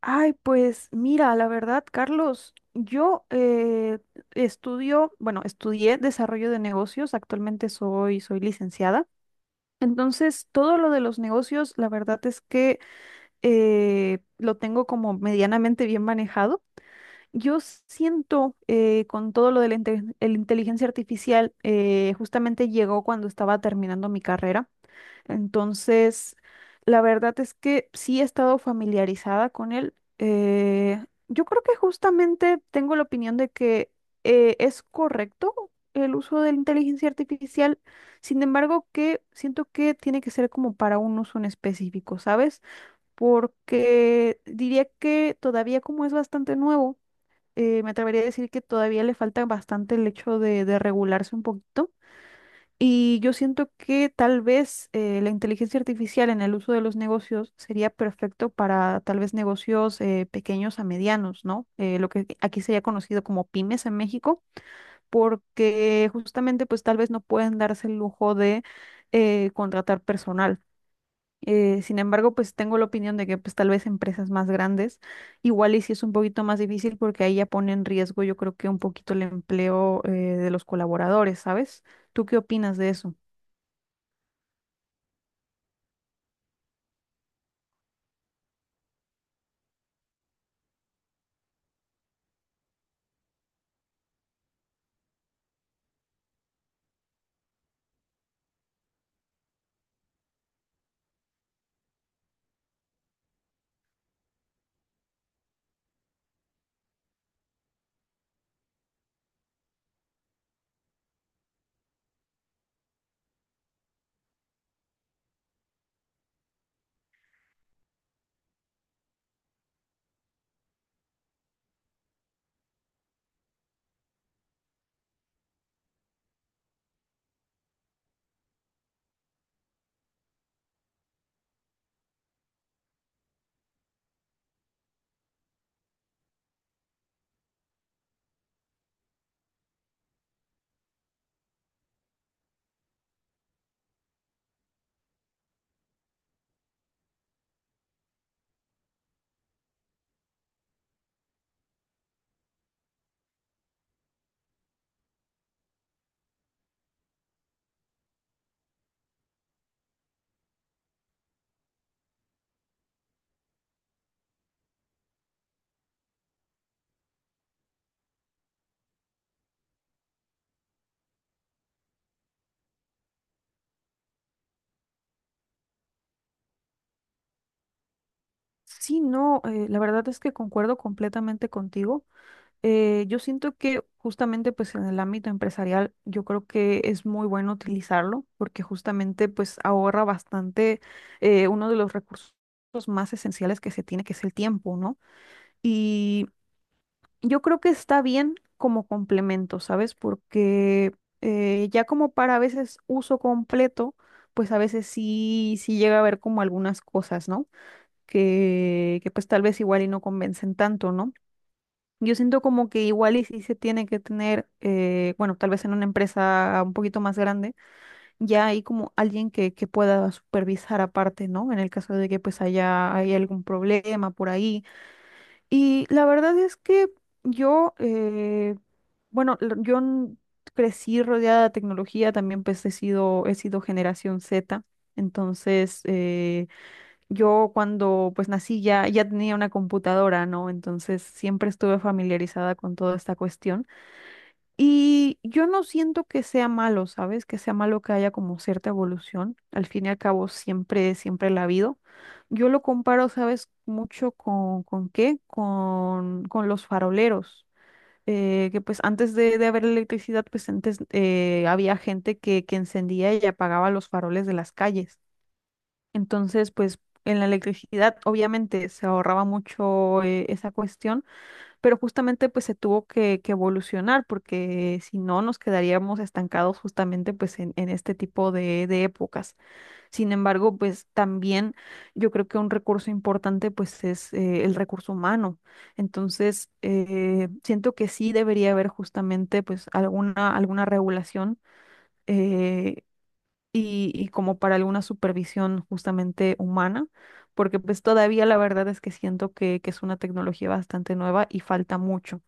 Ay, pues mira, la verdad, Carlos, yo bueno, estudié desarrollo de negocios, actualmente soy licenciada. Entonces, todo lo de los negocios, la verdad es que lo tengo como medianamente bien manejado. Yo siento con todo lo de el inteligencia artificial, justamente llegó cuando estaba terminando mi carrera. Entonces, la verdad es que sí he estado familiarizada con él. Yo creo que justamente tengo la opinión de que es correcto el uso de la inteligencia artificial, sin embargo, que siento que tiene que ser como para un uso en específico, ¿sabes? Porque diría que todavía como es bastante nuevo, me atrevería a decir que todavía le falta bastante el hecho de regularse un poquito y yo siento que tal vez la inteligencia artificial en el uso de los negocios sería perfecto para tal vez negocios pequeños a medianos, ¿no? Lo que aquí sería conocido como pymes en México, porque justamente pues tal vez no pueden darse el lujo de contratar personal. Sin embargo, pues tengo la opinión de que pues tal vez empresas más grandes, igual y si es un poquito más difícil porque ahí ya pone en riesgo yo creo que un poquito el empleo de los colaboradores, ¿sabes? ¿Tú qué opinas de eso? Sí, no, la verdad es que concuerdo completamente contigo. Yo siento que justamente pues en el ámbito empresarial yo creo que es muy bueno utilizarlo porque justamente pues ahorra bastante uno de los recursos más esenciales que se tiene, que es el tiempo, ¿no? Y yo creo que está bien como complemento, ¿sabes? Porque ya como para a veces uso completo, pues a veces sí, sí llega a haber como algunas cosas, ¿no? Que pues tal vez igual y no convencen tanto, ¿no? Yo siento como que igual y sí se tiene que tener, bueno, tal vez en una empresa un poquito más grande, ya hay como alguien que pueda supervisar aparte, ¿no? En el caso de que pues hay algún problema por ahí. Y la verdad es que yo, bueno, crecí rodeada de tecnología, también pues he sido generación Z, entonces, yo cuando pues nací ya, ya tenía una computadora, ¿no? Entonces siempre estuve familiarizada con toda esta cuestión. Y yo no siento que sea malo, ¿sabes? Que sea malo que haya como cierta evolución. Al fin y al cabo siempre, siempre la ha habido. Yo lo comparo, ¿sabes? Mucho ¿con qué? Con los faroleros, que pues antes de haber electricidad, pues antes había gente que encendía y apagaba los faroles de las calles. Entonces, pues en la electricidad obviamente se ahorraba mucho esa cuestión, pero justamente pues se tuvo que evolucionar porque si no nos quedaríamos estancados justamente pues en este tipo de épocas. Sin embargo, pues también yo creo que un recurso importante pues es el recurso humano. Entonces, siento que sí debería haber justamente pues alguna regulación, eh, y como para alguna supervisión justamente humana, porque pues todavía la verdad es que siento que es una tecnología bastante nueva y falta mucho.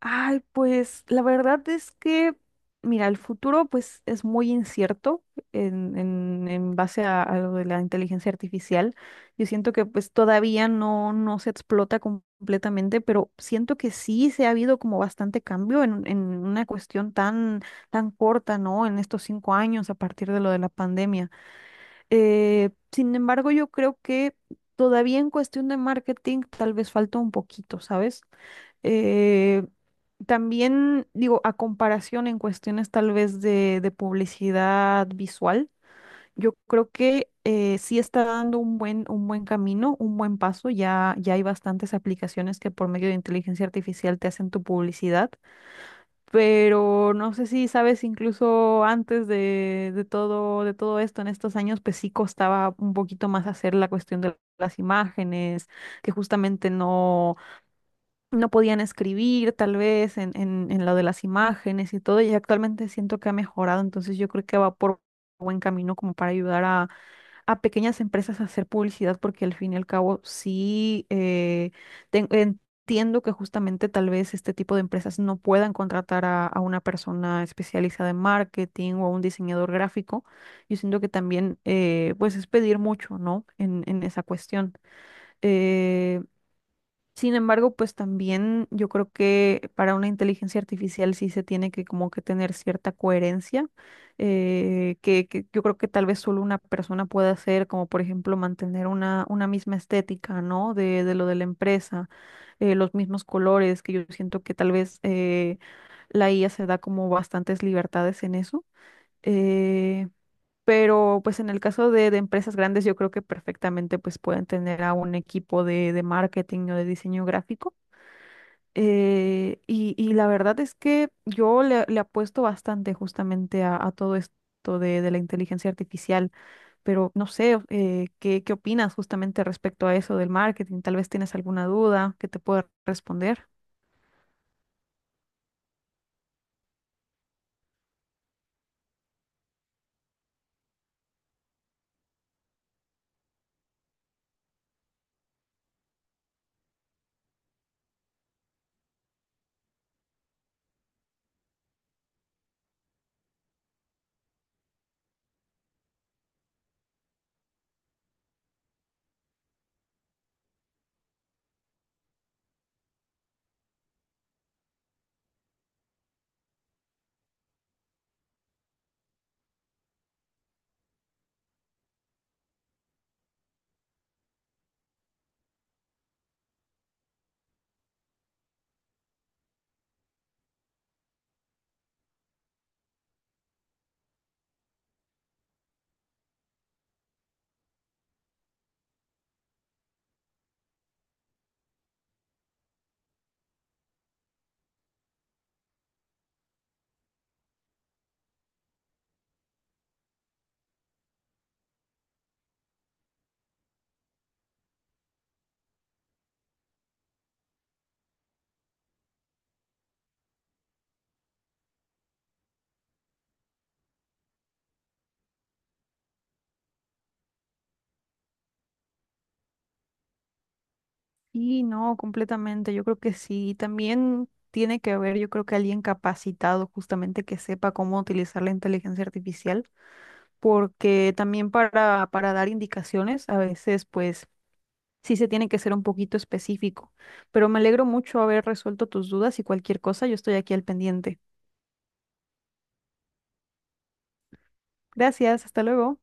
Ay, pues la verdad es que, mira, el futuro pues es muy incierto en base a lo de la inteligencia artificial. Yo siento que pues todavía no, no se explota completamente, pero siento que sí se ha habido como bastante cambio en una cuestión tan, tan corta, ¿no? En estos 5 años a partir de lo de la pandemia. Sin embargo, yo creo que todavía en cuestión de marketing tal vez falta un poquito, ¿sabes? Eh, también digo, a comparación en cuestiones tal vez de publicidad visual, yo creo que sí está dando un buen camino, un buen paso. Ya, ya hay bastantes aplicaciones que por medio de inteligencia artificial te hacen tu publicidad, pero no sé si sabes, incluso antes de todo esto, en estos años, pues sí costaba un poquito más hacer la cuestión de las imágenes que justamente no, no podían escribir tal vez en lo de las imágenes y todo, y actualmente siento que ha mejorado, entonces yo creo que va por buen camino como para ayudar a pequeñas empresas a hacer publicidad, porque al fin y al cabo sí entiendo que justamente tal vez este tipo de empresas no puedan contratar a una persona especializada en marketing o a un diseñador gráfico, yo siento que también pues es pedir mucho, ¿no? En esa cuestión. eh, sin embargo, pues también yo creo que para una inteligencia artificial sí se tiene que como que tener cierta coherencia, que yo creo que tal vez solo una persona puede hacer, como por ejemplo mantener una misma estética, ¿no? De lo de la empresa, los mismos colores, que yo siento que tal vez la IA se da como bastantes libertades en eso. Eh, pero pues en el caso de empresas grandes, yo creo que perfectamente pues pueden tener a un equipo de marketing o de diseño gráfico. Y la verdad es que yo le apuesto bastante justamente a todo esto de la inteligencia artificial, pero no sé, ¿qué opinas justamente respecto a eso del marketing? Tal vez tienes alguna duda que te pueda responder. Y no, completamente, yo creo que sí. También tiene que haber, yo creo que alguien capacitado justamente que sepa cómo utilizar la inteligencia artificial, porque también para dar indicaciones, a veces pues sí se tiene que ser un poquito específico. Pero me alegro mucho haber resuelto tus dudas y cualquier cosa, yo estoy aquí al pendiente. Gracias, hasta luego.